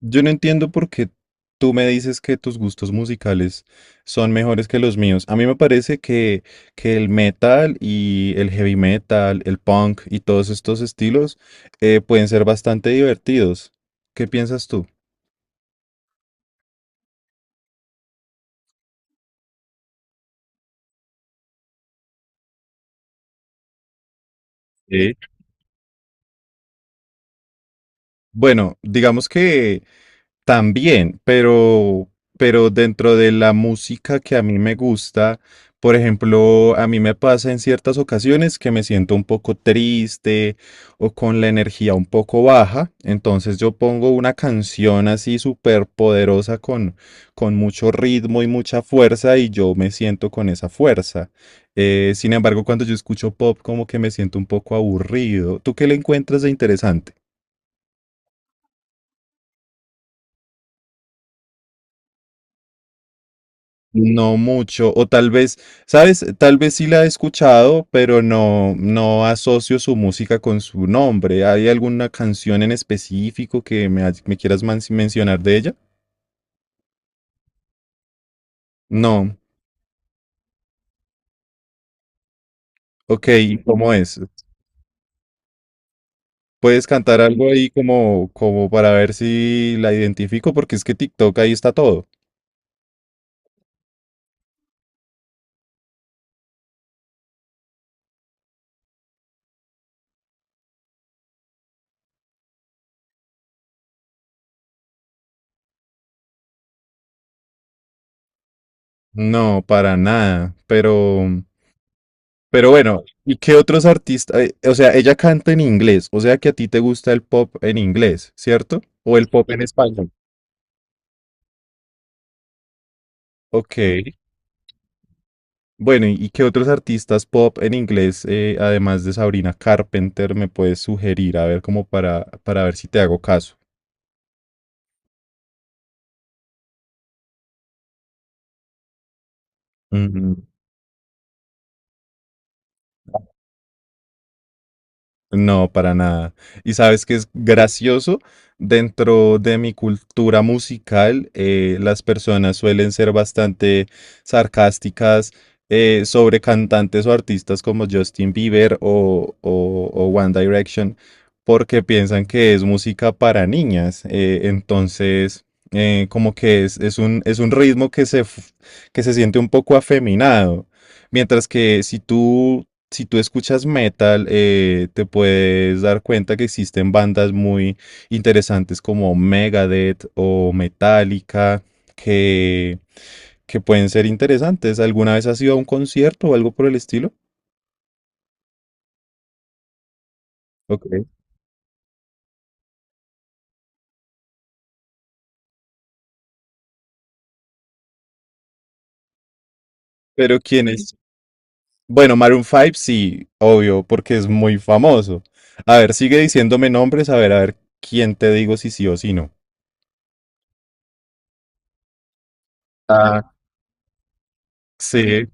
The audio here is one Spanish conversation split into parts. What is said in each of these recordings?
Yo no entiendo por qué tú me dices que tus gustos musicales son mejores que los míos. A mí me parece que el metal y el heavy metal, el punk y todos estos estilos pueden ser bastante divertidos. ¿Qué piensas tú? Sí. Bueno, digamos que también, pero dentro de la música que a mí me gusta, por ejemplo, a mí me pasa en ciertas ocasiones que me siento un poco triste o con la energía un poco baja, entonces yo pongo una canción así súper poderosa con mucho ritmo y mucha fuerza y yo me siento con esa fuerza. Sin embargo, cuando yo escucho pop, como que me siento un poco aburrido. ¿Tú qué le encuentras de interesante? No mucho, o tal vez, ¿sabes? Tal vez sí la he escuchado, pero no asocio su música con su nombre. ¿Hay alguna canción en específico que me quieras mencionar de ella? No. Ok, ¿y cómo es? ¿Puedes cantar algo ahí como para ver si la identifico? Porque es que TikTok ahí está todo. No, para nada, pero bueno, ¿y qué otros artistas? O sea, ella canta en inglés, o sea que a ti te gusta el pop en inglés, ¿cierto? O el pop, ok. Bueno, ¿y qué otros artistas pop en inglés, además de Sabrina Carpenter, me puedes sugerir? A ver, para ver si te hago caso. No, para nada. Y sabes que es gracioso, dentro de mi cultura musical, las personas suelen ser bastante sarcásticas sobre cantantes o artistas como Justin Bieber o One Direction, porque piensan que es música para niñas. Entonces, como que es es un ritmo que se siente un poco afeminado. Mientras que si tú si tú escuchas metal, te puedes dar cuenta que existen bandas muy interesantes como Megadeth o Metallica, que, que pueden ser interesantes. ¿Alguna vez has ido a un concierto o algo por el estilo? Ok. Pero ¿quién sí. es? Bueno, Maroon 5 sí, obvio, porque es muy famoso. A ver, sigue diciéndome nombres, a ver quién te digo si sí o si no. Ah, sí.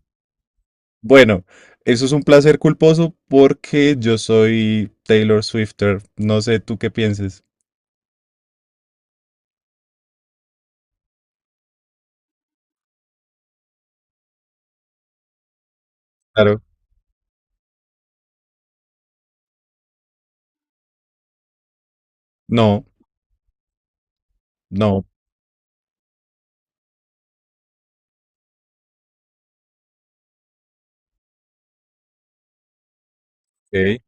Bueno, eso es un placer culposo porque yo soy Taylor Swifter. No sé tú qué pienses. Claro. No, no. Ok,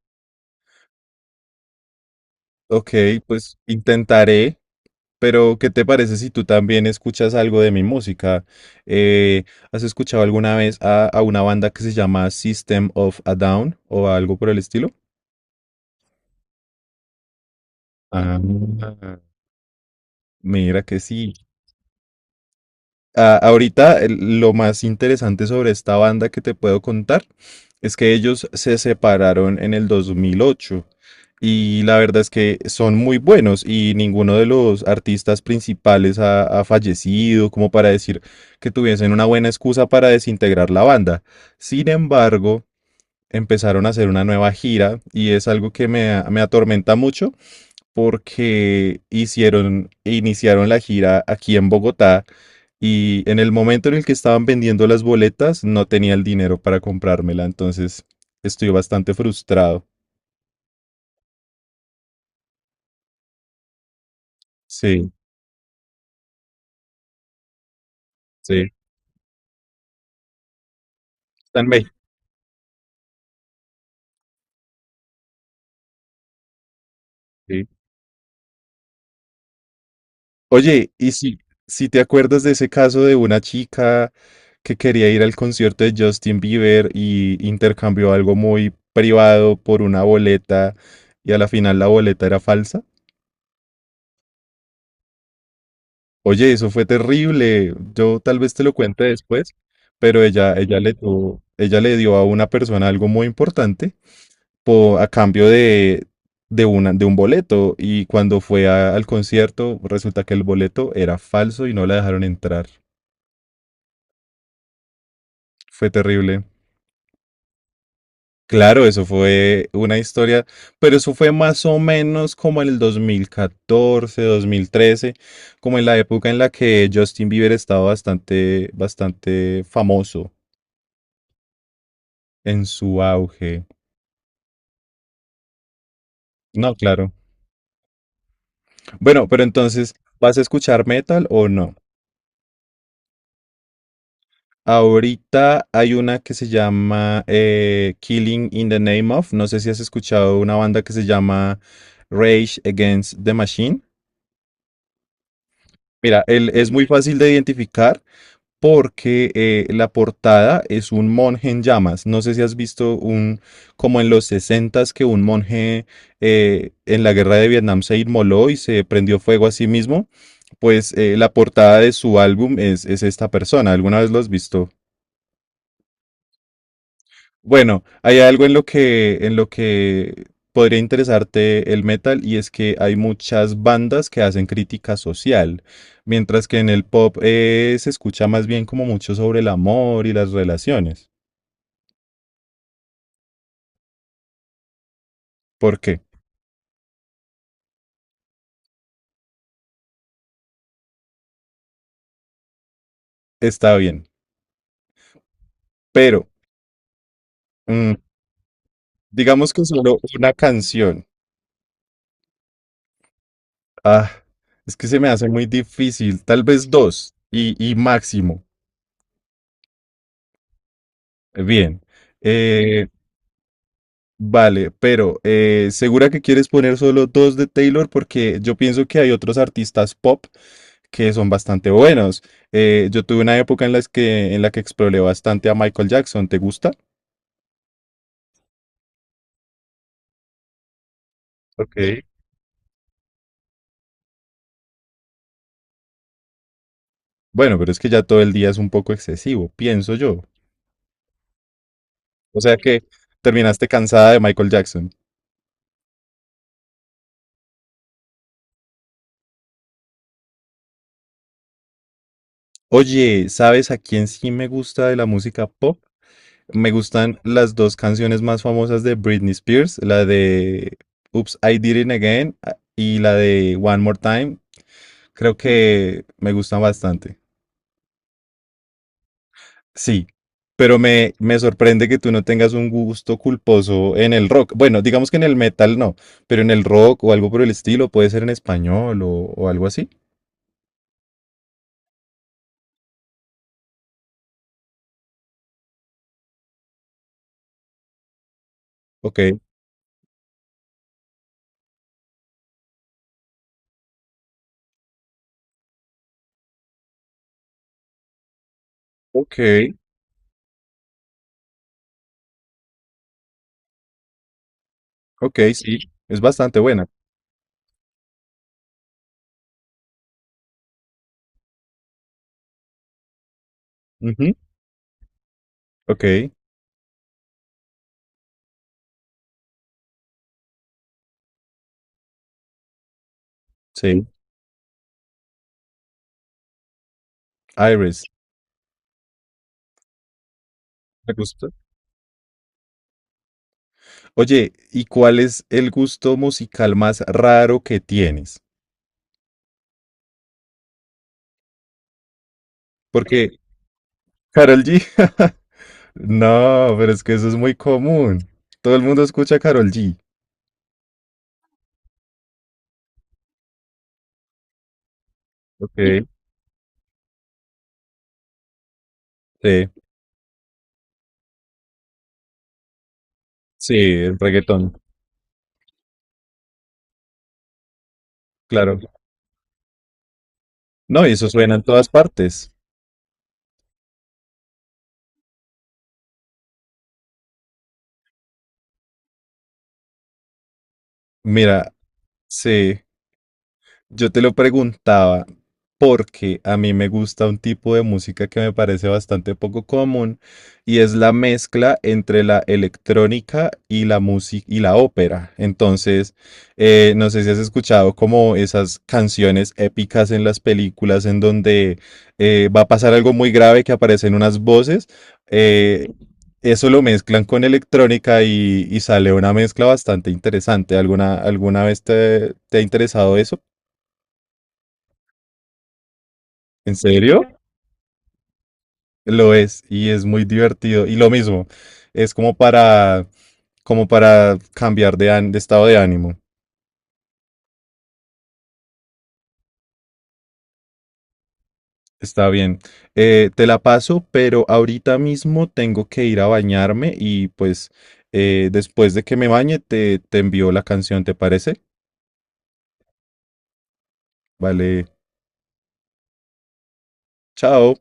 ok, pues intentaré. Pero, ¿qué te parece si tú también escuchas algo de mi música? Eh, ¿Has escuchado alguna vez a una banda que se llama System of a Down o algo por el estilo? Ah, mira que sí. Ahorita lo más interesante sobre esta banda que te puedo contar es que ellos se separaron en el 2008 y la verdad es que son muy buenos y ninguno de los artistas principales ha fallecido como para decir que tuviesen una buena excusa para desintegrar la banda. Sin embargo, empezaron a hacer una nueva gira y es algo me atormenta mucho porque hicieron, iniciaron la gira aquí en Bogotá y en el momento en el que estaban vendiendo las boletas no tenía el dinero para comprármela, entonces estoy bastante frustrado. Sí, sí, está en México. Sí. Oye, si te acuerdas de ese caso de una chica que quería ir al concierto de Justin Bieber y intercambió algo muy privado por una boleta y a la final la boleta era falsa. Oye, eso fue terrible. Yo tal vez te lo cuente después, pero ella le ella le dio a una persona algo muy importante a cambio de un boleto. Y cuando fue al concierto, resulta que el boleto era falso y no la dejaron entrar. Fue terrible. Claro, eso fue una historia, pero eso fue más o menos como en el 2014, 2013, como en la época en la que Justin Bieber estaba bastante, bastante famoso. En su auge. No, claro. Bueno, pero entonces, ¿vas a escuchar metal o no? Ahorita hay una que se llama Killing in the Name of. No sé si has escuchado una banda que se llama Rage Against the Machine. Mira, él es muy fácil de identificar porque la portada es un monje en llamas. No sé si has visto como en los 60s, que un monje en la guerra de Vietnam se inmoló y se prendió fuego a sí mismo. Pues la portada de su álbum es esta persona. ¿Alguna vez lo has visto? Bueno, hay algo en lo en lo que podría interesarte el metal y es que hay muchas bandas que hacen crítica social, mientras que en el pop se escucha más bien como mucho sobre el amor y las relaciones. ¿Por qué? Está bien, pero mm, digamos que solo una canción. Ah, es que se me hace muy difícil, tal vez y máximo. Bien. eh, Vale, pero ¿segura que quieres poner solo dos de Taylor? Porque yo pienso que hay otros artistas pop que son bastante buenos. Yo tuve una época en la que exploré bastante a Michael Jackson. ¿Te gusta? Ok. Bueno, pero es que ya todo el día es un poco excesivo, pienso yo. O sea que terminaste cansada de Michael Jackson. Oye, ¿sabes a quién sí me gusta de la música pop? Me gustan las dos canciones más famosas de Britney Spears, la de Oops, I Did It Again y la de One More Time. Creo que me gustan bastante. Sí, pero me sorprende que tú no tengas un gusto culposo en el rock. Bueno, digamos que en el metal no, pero en el rock o algo por el estilo, puede ser en español o algo así. Ok, ok, ok, sí, es bastante buena. Ujú, ok, sí, Iris, me gusta. Oye, ¿y cuál es el gusto musical más raro que tienes? Porque Karol G, no, pero es que eso es muy común. Todo el mundo escucha Karol G. Ok, sí, sí, el reggaetón, claro. No, y eso suena en todas partes. Mira, sí. Yo te lo preguntaba porque a mí me gusta un tipo de música que me parece bastante poco común y es la mezcla entre la electrónica y la música y la ópera. Entonces, no sé si has escuchado como esas canciones épicas en las películas en donde va a pasar algo muy grave que aparecen unas voces. eh, Eso lo mezclan con electrónica y sale una mezcla bastante interesante. ¿Alguna vez te te ha interesado eso? ¿En serio? Lo es y es muy divertido. Y lo mismo, es como para, como para cambiar de estado de ánimo. Está bien. Te la paso, pero ahorita mismo tengo que ir a bañarme y pues después de que me bañe te envío la canción, ¿te parece? Vale, chao.